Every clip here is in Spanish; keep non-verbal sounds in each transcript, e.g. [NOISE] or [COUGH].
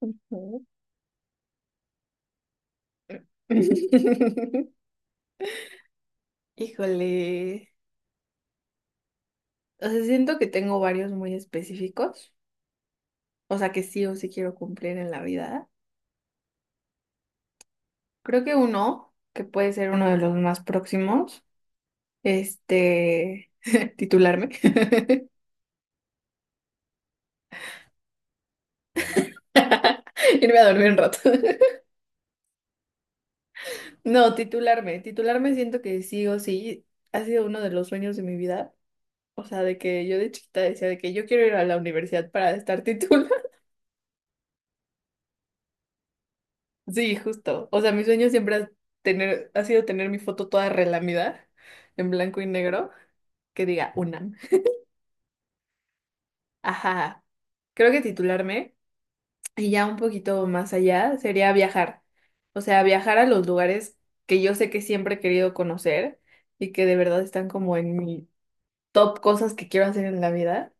Ujú. [LAUGHS] Híjole. O sea, siento que tengo varios muy específicos, o sea, que sí o sí quiero cumplir en la vida. Creo que uno, que puede ser uno de los más próximos, este, [LAUGHS] titularme, [LAUGHS] irme a dormir un rato. [LAUGHS] No, titularme siento que sí o sí ha sido uno de los sueños de mi vida, o sea que yo chiquita decía de que yo quiero ir a la universidad para estar [LAUGHS] titulada. Sí, justo. O sea, mi sueño siempre ha sido tener mi foto toda relamida, en blanco y negro, que diga UNAM. Ajá. Creo que titularme, y ya un poquito más allá, sería viajar. O sea, viajar a los lugares que yo sé que siempre he querido conocer y que de verdad están como en mi top cosas que quiero hacer en la vida.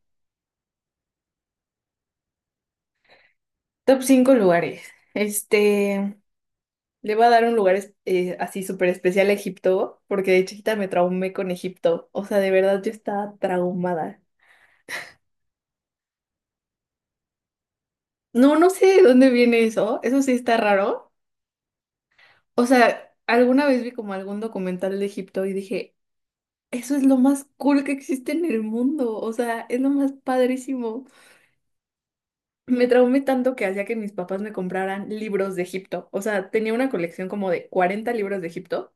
Top 5 lugares. Este. Le voy a dar un lugar así súper especial a Egipto, porque de chiquita me traumé con Egipto. O sea, de verdad yo estaba traumada. No, no sé de dónde viene eso. Eso sí está raro. O sea, alguna vez vi como algún documental de Egipto y dije, eso es lo más cool que existe en el mundo. O sea, es lo más padrísimo. Me traumé tanto que hacía que mis papás me compraran libros de Egipto. O sea, tenía una colección como de 40 libros de Egipto.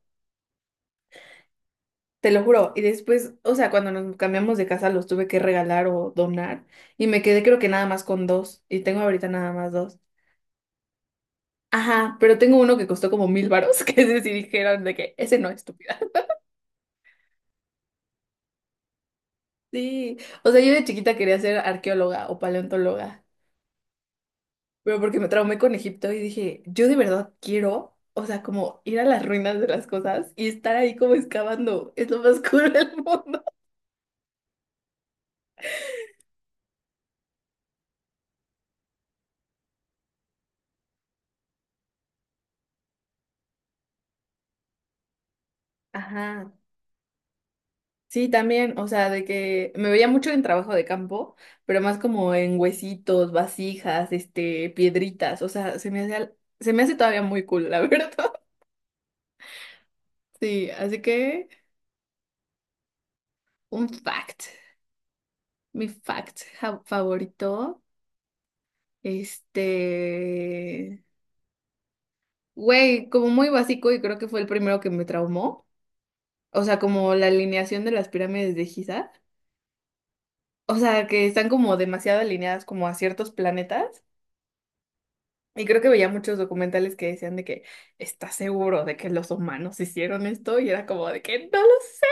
Te lo juro. Y después, o sea, cuando nos cambiamos de casa los tuve que regalar o donar. Y me quedé creo que nada más con dos. Y tengo ahorita nada más dos. Ajá, pero tengo uno que costó como mil varos, [LAUGHS] que ese sí dijeron de que ese no, estúpida. [LAUGHS] Sí. O sea, yo de chiquita quería ser arqueóloga o paleontóloga. Pero porque me traumé con Egipto y dije, yo de verdad quiero, o sea, como ir a las ruinas de las cosas y estar ahí como excavando. Es lo más [LAUGHS] cool del mundo. Ajá. Sí, también, o sea, de que me veía mucho en trabajo de campo, pero más como en huesitos, vasijas, piedritas, o sea, se me hace todavía muy cool, la [LAUGHS] verdad. Sí, así que un fact, mi favorito, este, güey, como muy básico y creo que fue el primero que me traumó, o sea, como la alineación de las pirámides de Giza, o sea, que están como demasiado alineadas como a ciertos planetas. Y creo que veía muchos documentales que decían de que, ¿estás seguro de que los humanos hicieron esto? Y era como de que no lo sé.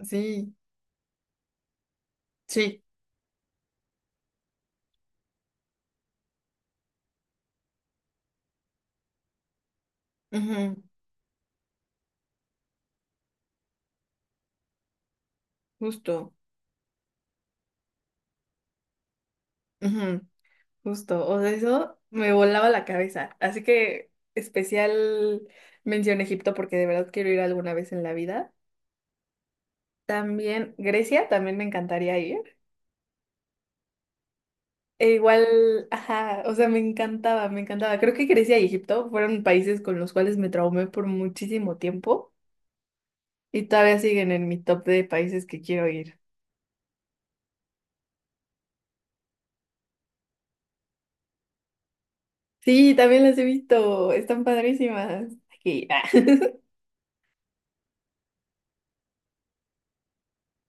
Sí, sí, ujú, justo, ujú, justo. O sea, eso me volaba la cabeza. Así que especial mención a Egipto porque de verdad quiero ir alguna vez en la vida. También Grecia, también me encantaría ir. E igual, ajá, o sea, me encantaba. Creo que Grecia y Egipto fueron países con los cuales me traumé por muchísimo tiempo. Y todavía siguen en mi top de países que quiero ir. Sí, también las he visto. Están padrísimas. Aquí, [LAUGHS] ah.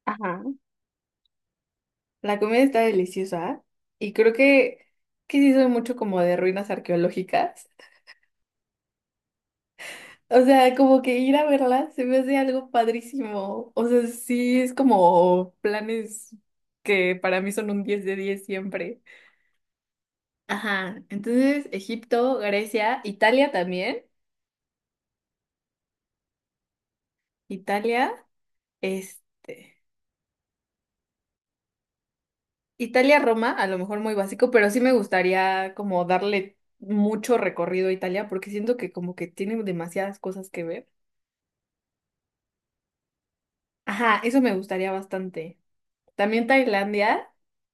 Ajá. La comida está deliciosa. Y creo que sí soy mucho como de ruinas arqueológicas. O sea, como que ir a verlas se me hace algo padrísimo. O sea, sí es como planes que para mí son un 10 de 10 siempre. Ajá. Entonces, Egipto, Grecia, Italia también. Italia, este. Italia-Roma, a lo mejor muy básico, pero sí me gustaría como darle mucho recorrido a Italia porque siento que como que tiene demasiadas cosas que ver. Ajá, eso me gustaría bastante. También Tailandia.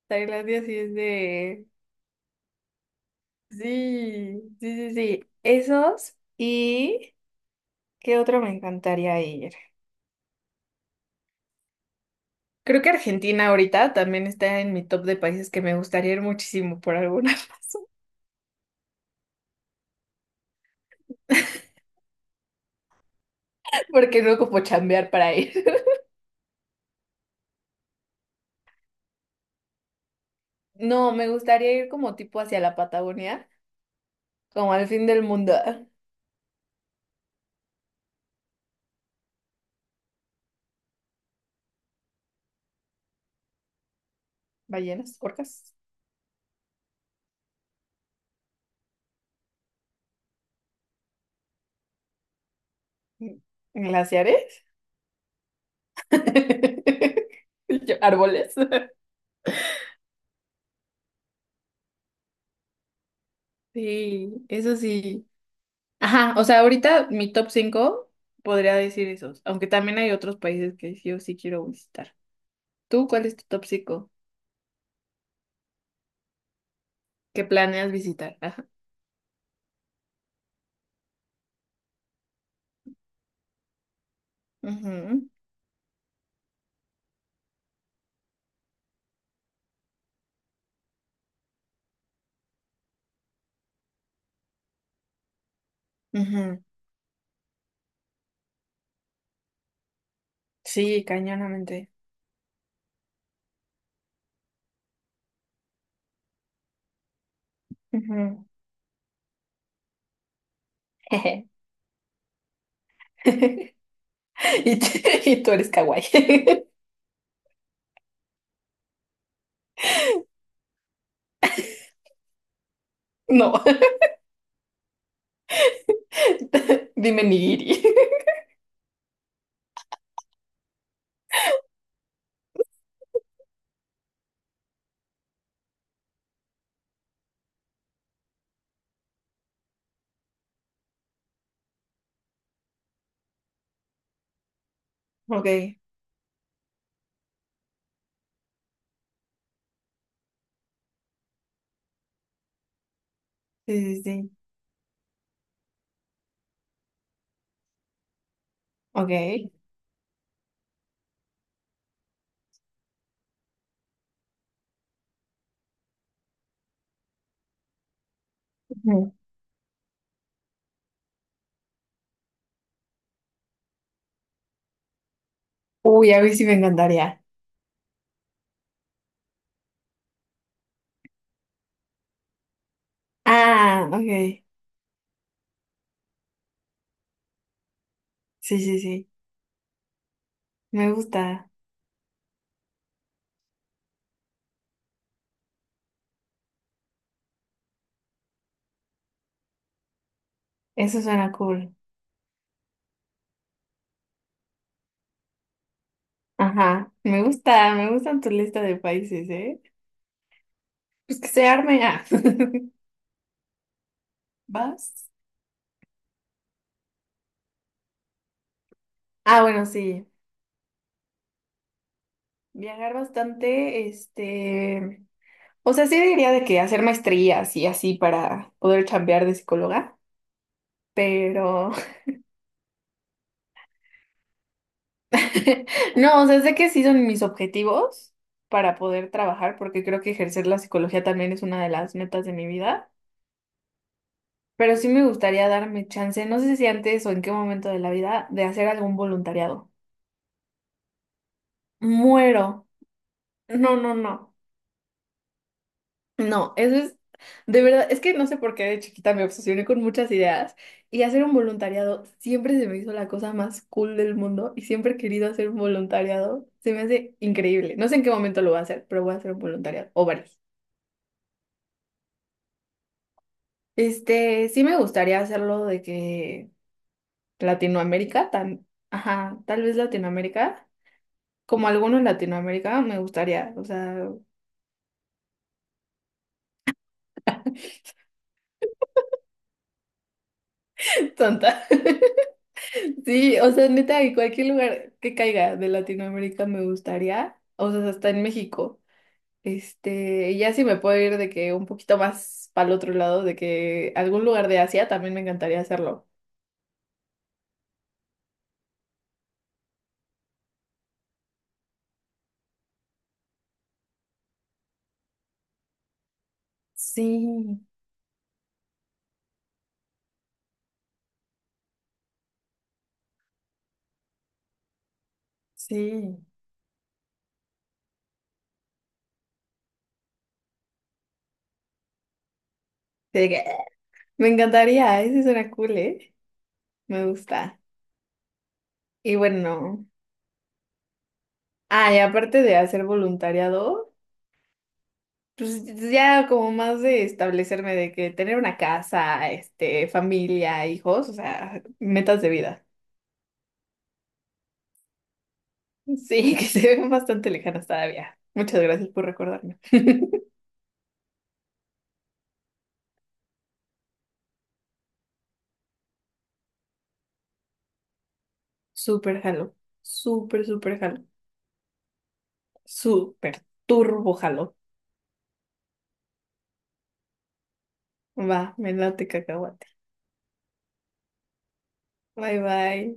Tailandia sí es de... Sí, sí, sí, sí. Esos y... ¿Qué otro me encantaría ir? Creo que Argentina ahorita también está en mi top de países que me gustaría ir muchísimo por alguna [LAUGHS] razón, porque no como chambear para ir. No, me gustaría ir como tipo hacia la Patagonia, como al fin del mundo. Ballenas, orcas, glaciares. [LAUGHS] Yo, árboles. Sí, eso sí. Ajá, o sea, ahorita mi top 5 podría decir esos, aunque también hay otros países que sí o sí quiero visitar. ¿Tú cuál es tu top 5, que planeas visitar? Ajá. Ujú, ujú. Sí, cañonamente. Ujú. [LAUGHS] [LAUGHS] Y, t- y tú eres kawaii. [LAUGHS] No. Dime nigiri. [LAUGHS] Ok, sí, sí, sí. Ok. Ujú. Uy, a mí sí me encantaría. Ah, ok. Sí, sí, sí. Me gusta. Eso suena cool. Ajá. Me gusta, me gustan tu lista de países, ¿eh? Pues que se arme. Ah. [LAUGHS] ¿Vas? Ah, bueno, sí. Viajar bastante, O sea, sí diría de que hacer maestrías y así para poder chambear de psicóloga, pero. [LAUGHS] No, o sea, sé que sí son mis objetivos para poder trabajar, porque creo que ejercer la psicología también es una de las metas de mi vida, pero sí me gustaría darme chance, no sé si antes o en qué momento de la vida, de hacer algún voluntariado. Muero. No, no, no. No, eso es, de verdad, es que no sé por qué de chiquita me obsesioné con muchas ideas y hacer un voluntariado siempre se me hizo la cosa más cool del mundo y siempre he querido hacer un voluntariado. Se me hace increíble. No sé en qué momento lo voy a hacer, pero voy a hacer un voluntariado o varios. Sí me gustaría hacerlo de que Latinoamérica, tan, ajá, tal vez Latinoamérica, como alguno en Latinoamérica, me gustaría, o sea, [LAUGHS] tonta. [LAUGHS] Sí, o sea, neta, en cualquier lugar que caiga de Latinoamérica me gustaría, o sea, hasta en México. Ya sí me puedo ir de que un poquito más para el otro lado, de que algún lugar de Asia también me encantaría hacerlo. Sí, sí. De que, [LAUGHS] me encantaría, ese suena cool, ¿eh? Me gusta. Y bueno, ah, y aparte de hacer voluntariado, pues ya como más de establecerme de que tener una casa, familia, hijos, o sea, metas de vida. Sí, [LAUGHS] que se ven bastante lejanas todavía. Muchas gracias por recordarme. [LAUGHS] Súper jalo, súper jalo, súper turbo jalo. Va, me late cacahuate. Bye, bye.